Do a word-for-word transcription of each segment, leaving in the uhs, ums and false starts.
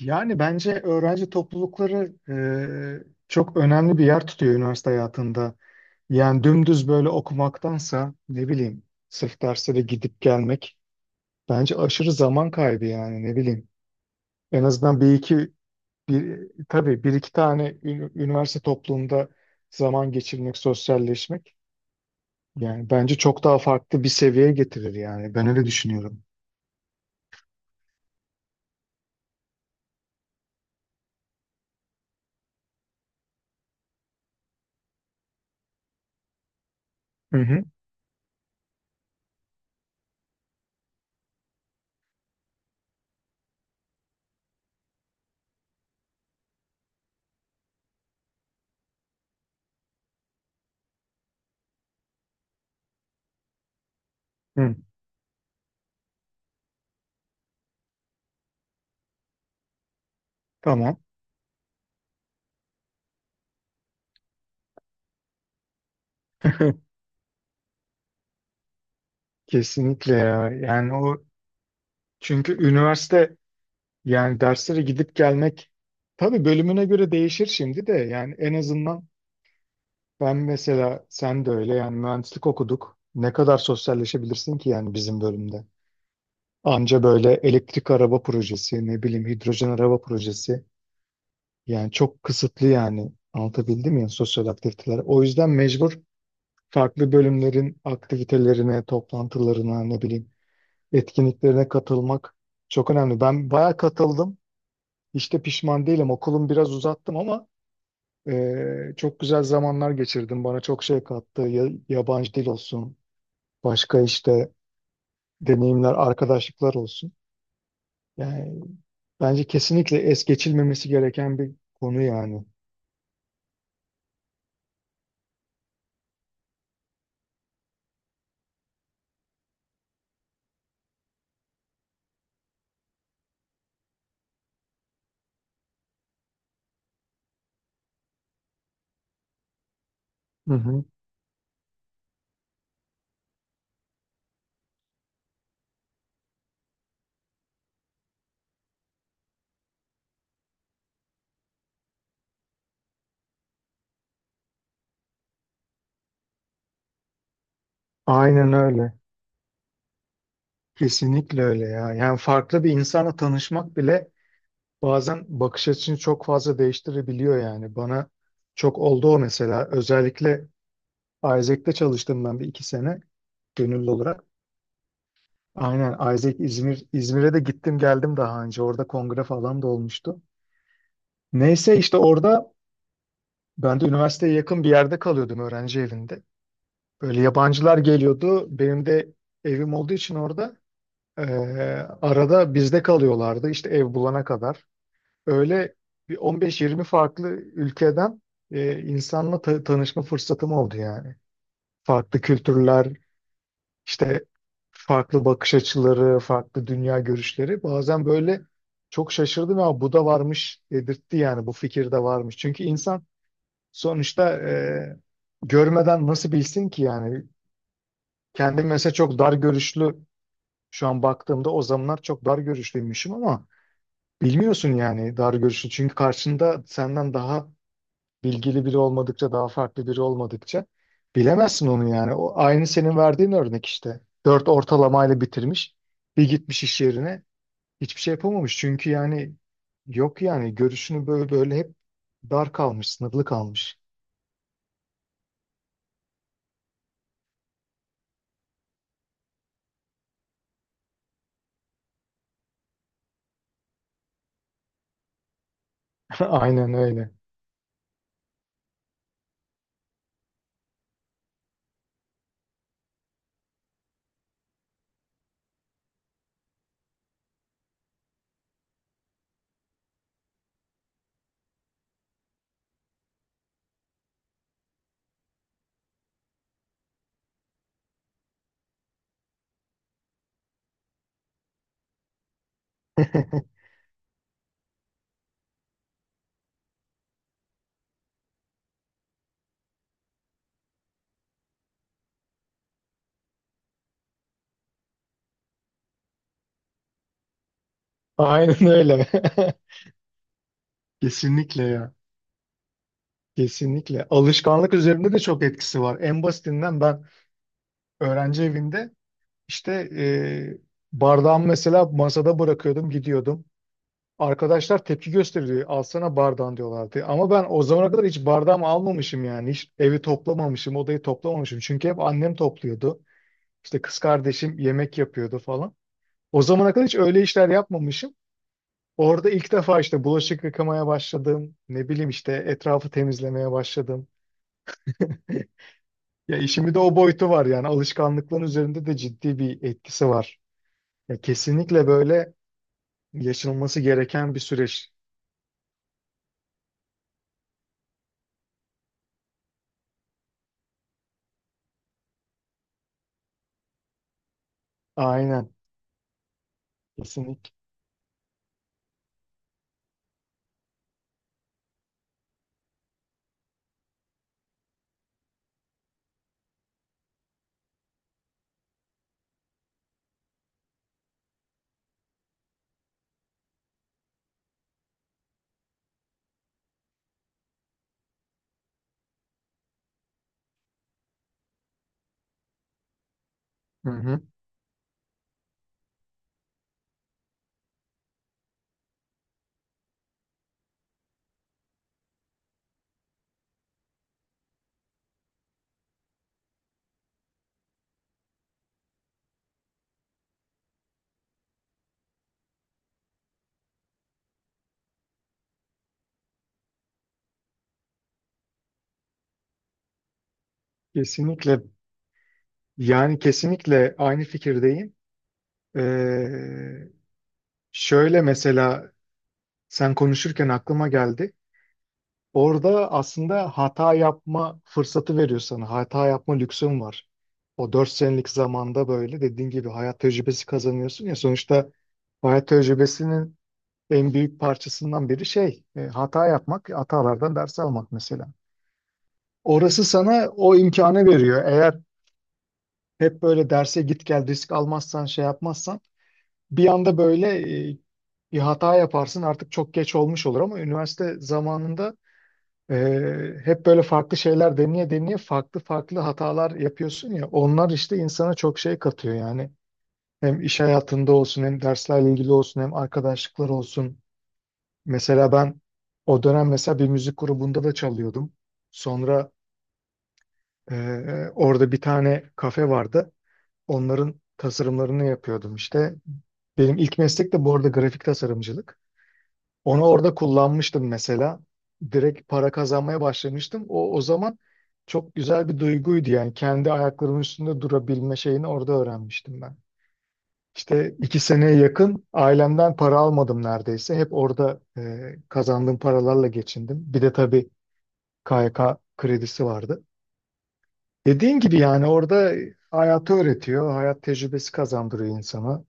Yani bence öğrenci toplulukları e, çok önemli bir yer tutuyor üniversite hayatında. Yani dümdüz böyle okumaktansa ne bileyim sırf derslere gidip gelmek bence aşırı zaman kaybı yani ne bileyim. En azından bir iki bir, tabii bir iki tane ün- üniversite toplumunda zaman geçirmek, sosyalleşmek yani bence çok daha farklı bir seviyeye getirir yani ben öyle düşünüyorum. Hı hı. Hı. Tamam. Kesinlikle ya. Yani o, çünkü üniversite, yani derslere gidip gelmek tabii bölümüne göre değişir şimdi de yani en azından ben mesela sen de öyle yani mühendislik okuduk. Ne kadar sosyalleşebilirsin ki yani bizim bölümde. Anca böyle elektrik araba projesi ne bileyim hidrojen araba projesi yani çok kısıtlı yani anlatabildim mi ya, sosyal aktiviteler. O yüzden mecbur farklı bölümlerin aktivitelerine, toplantılarına ne bileyim etkinliklerine katılmak çok önemli. Ben bayağı katıldım. Hiç de pişman değilim. Okulum biraz uzattım ama Ee, çok güzel zamanlar geçirdim. Bana çok şey kattı. Ya- yabancı dil olsun, başka işte deneyimler, arkadaşlıklar olsun. Yani bence kesinlikle es geçilmemesi gereken bir konu yani. Hı hı. Aynen öyle. Kesinlikle öyle ya. Yani farklı bir insanla tanışmak bile bazen bakış açını çok fazla değiştirebiliyor yani. Bana çok oldu o, mesela. Özellikle Isaac'te çalıştım ben bir iki sene gönüllü olarak. Aynen Isaac İzmir İzmir'e de gittim geldim daha önce. Orada kongre falan da olmuştu. Neyse işte orada ben de üniversiteye yakın bir yerde kalıyordum öğrenci evinde. Böyle yabancılar geliyordu. Benim de evim olduğu için orada eee, arada bizde kalıyorlardı işte ev bulana kadar. Öyle bir on beş yirmi farklı ülkeden eee, insanla ta- tanışma fırsatım oldu yani. Farklı kültürler, İşte farklı bakış açıları, farklı dünya görüşleri bazen böyle, çok şaşırdım ama bu da varmış dedirtti yani, bu fikir de varmış. Çünkü insan sonuçta e, görmeden nasıl bilsin ki yani. Kendim mesela çok dar görüşlü, şu an baktığımda o zamanlar çok dar görüşlüymüşüm ama bilmiyorsun yani dar görüşlü, çünkü karşında senden daha bilgili biri olmadıkça, daha farklı biri olmadıkça bilemezsin onu yani. O aynı senin verdiğin örnek işte. Dört ortalamayla bitirmiş, bir gitmiş iş yerine hiçbir şey yapamamış. Çünkü yani yok yani görüşünü böyle böyle hep dar kalmış, sınırlı kalmış. Aynen öyle. Aynen öyle. Kesinlikle ya. Kesinlikle. Alışkanlık üzerinde de çok etkisi var. En basitinden ben öğrenci evinde işte e, bardağımı mesela masada bırakıyordum, gidiyordum. Arkadaşlar tepki gösteriyor. Alsana bardağın diyorlardı. Ama ben o zamana kadar hiç bardağımı almamışım yani. Hiç evi toplamamışım, odayı toplamamışım. Çünkü hep annem topluyordu. İşte kız kardeşim yemek yapıyordu falan. O zamana kadar hiç öyle işler yapmamışım. Orada ilk defa işte bulaşık yıkamaya başladım. Ne bileyim işte etrafı temizlemeye başladım. Ya işimi de o boyutu var yani. Alışkanlıkların üzerinde de ciddi bir etkisi var. Ya kesinlikle böyle yaşanılması gereken bir süreç. Aynen. Kesinlikle. Hı hı. Kesinlikle, yani kesinlikle aynı fikirdeyim. Ee, Şöyle mesela, sen konuşurken aklıma geldi. Orada aslında hata yapma fırsatı veriyor sana. Hata yapma lüksün var. O dört senelik zamanda böyle dediğin gibi hayat tecrübesi kazanıyorsun ya. Sonuçta hayat tecrübesinin en büyük parçasından biri şey, e, hata yapmak, hatalardan ders almak mesela. Orası sana o imkanı veriyor. Eğer hep böyle derse git gel, risk almazsan, şey yapmazsan bir anda böyle e, bir hata yaparsın, artık çok geç olmuş olur ama üniversite zamanında e, hep böyle farklı şeyler deneye deneye farklı farklı hatalar yapıyorsun ya, onlar işte insana çok şey katıyor yani. Hem iş hayatında olsun, hem derslerle ilgili olsun, hem arkadaşlıklar olsun. Mesela ben o dönem mesela bir müzik grubunda da çalıyordum. Sonra e, orada bir tane kafe vardı. Onların tasarımlarını yapıyordum işte. Benim ilk meslek de bu arada grafik tasarımcılık. Onu orada kullanmıştım mesela. Direkt para kazanmaya başlamıştım. O, o zaman çok güzel bir duyguydu yani. Kendi ayaklarımın üstünde durabilme şeyini orada öğrenmiştim ben. İşte iki seneye yakın ailemden para almadım neredeyse. Hep orada e, kazandığım paralarla geçindim. Bir de tabii K Y K kredisi vardı. Dediğin gibi yani orada hayatı öğretiyor. Hayat tecrübesi kazandırıyor insana.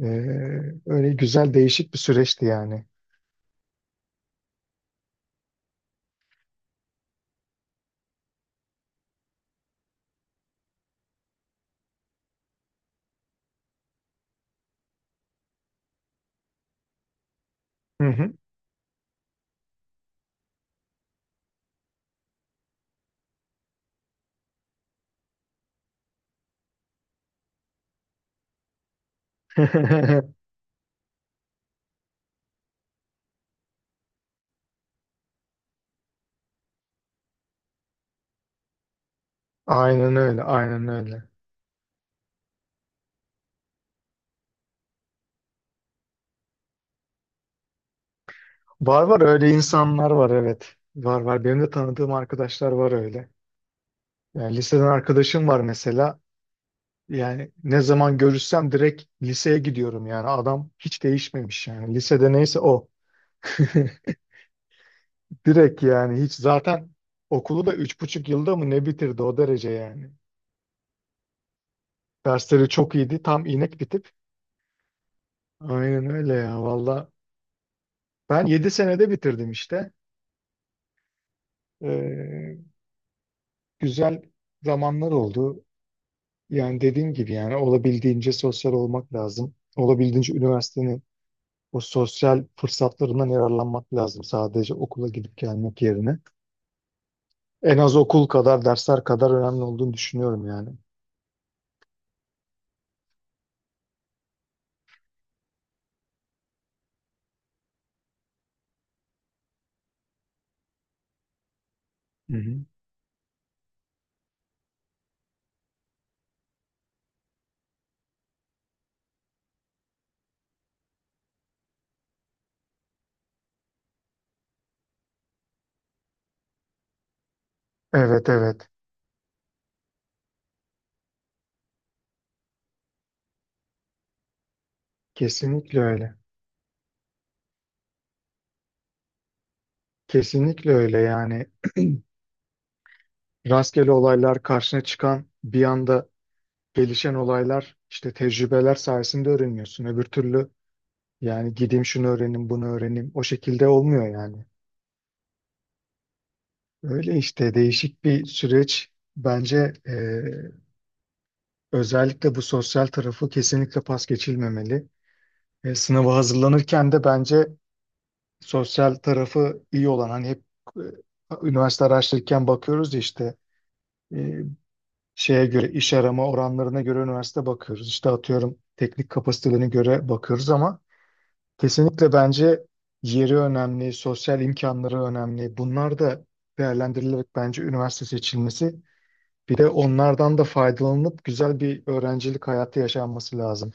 E, Öyle güzel değişik bir süreçti yani. Hı hı. Aynen öyle, aynen öyle. Var var, öyle insanlar var, evet. Var var. Benim de tanıdığım arkadaşlar var öyle. Yani liseden arkadaşım var mesela. Yani ne zaman görüşsem direkt liseye gidiyorum yani. Adam hiç değişmemiş yani. Lisede neyse o. Direkt yani hiç zaten okulu da üç buçuk yılda mı ne bitirdi, o derece yani. Dersleri çok iyiydi. Tam inek bitip. Aynen öyle ya, valla. Ben yedi senede bitirdim işte. Ee, Güzel zamanlar oldu. Yani dediğim gibi yani olabildiğince sosyal olmak lazım. Olabildiğince üniversitenin o sosyal fırsatlarından yararlanmak lazım, sadece okula gidip gelmek yerine. En az okul kadar, dersler kadar önemli olduğunu düşünüyorum yani. Hı hı. Evet evet. Kesinlikle öyle. Kesinlikle öyle yani. Rastgele olaylar karşına çıkan, bir anda gelişen olaylar, işte tecrübeler sayesinde öğreniyorsun. Öbür türlü yani gideyim şunu öğrenim, bunu öğrenim, o şekilde olmuyor yani. Öyle işte, değişik bir süreç. Bence e, özellikle bu sosyal tarafı kesinlikle pas geçilmemeli. E, sınava hazırlanırken de bence sosyal tarafı iyi olan, hani hep e, üniversite araştırırken bakıyoruz ya işte e, şeye göre, iş arama oranlarına göre üniversite bakıyoruz. İşte atıyorum teknik kapasitelerine göre bakıyoruz ama kesinlikle bence yeri önemli, sosyal imkanları önemli. Bunlar da değerlendirilerek bence üniversite seçilmesi. Bir de onlardan da faydalanıp güzel bir öğrencilik hayatı yaşanması lazım.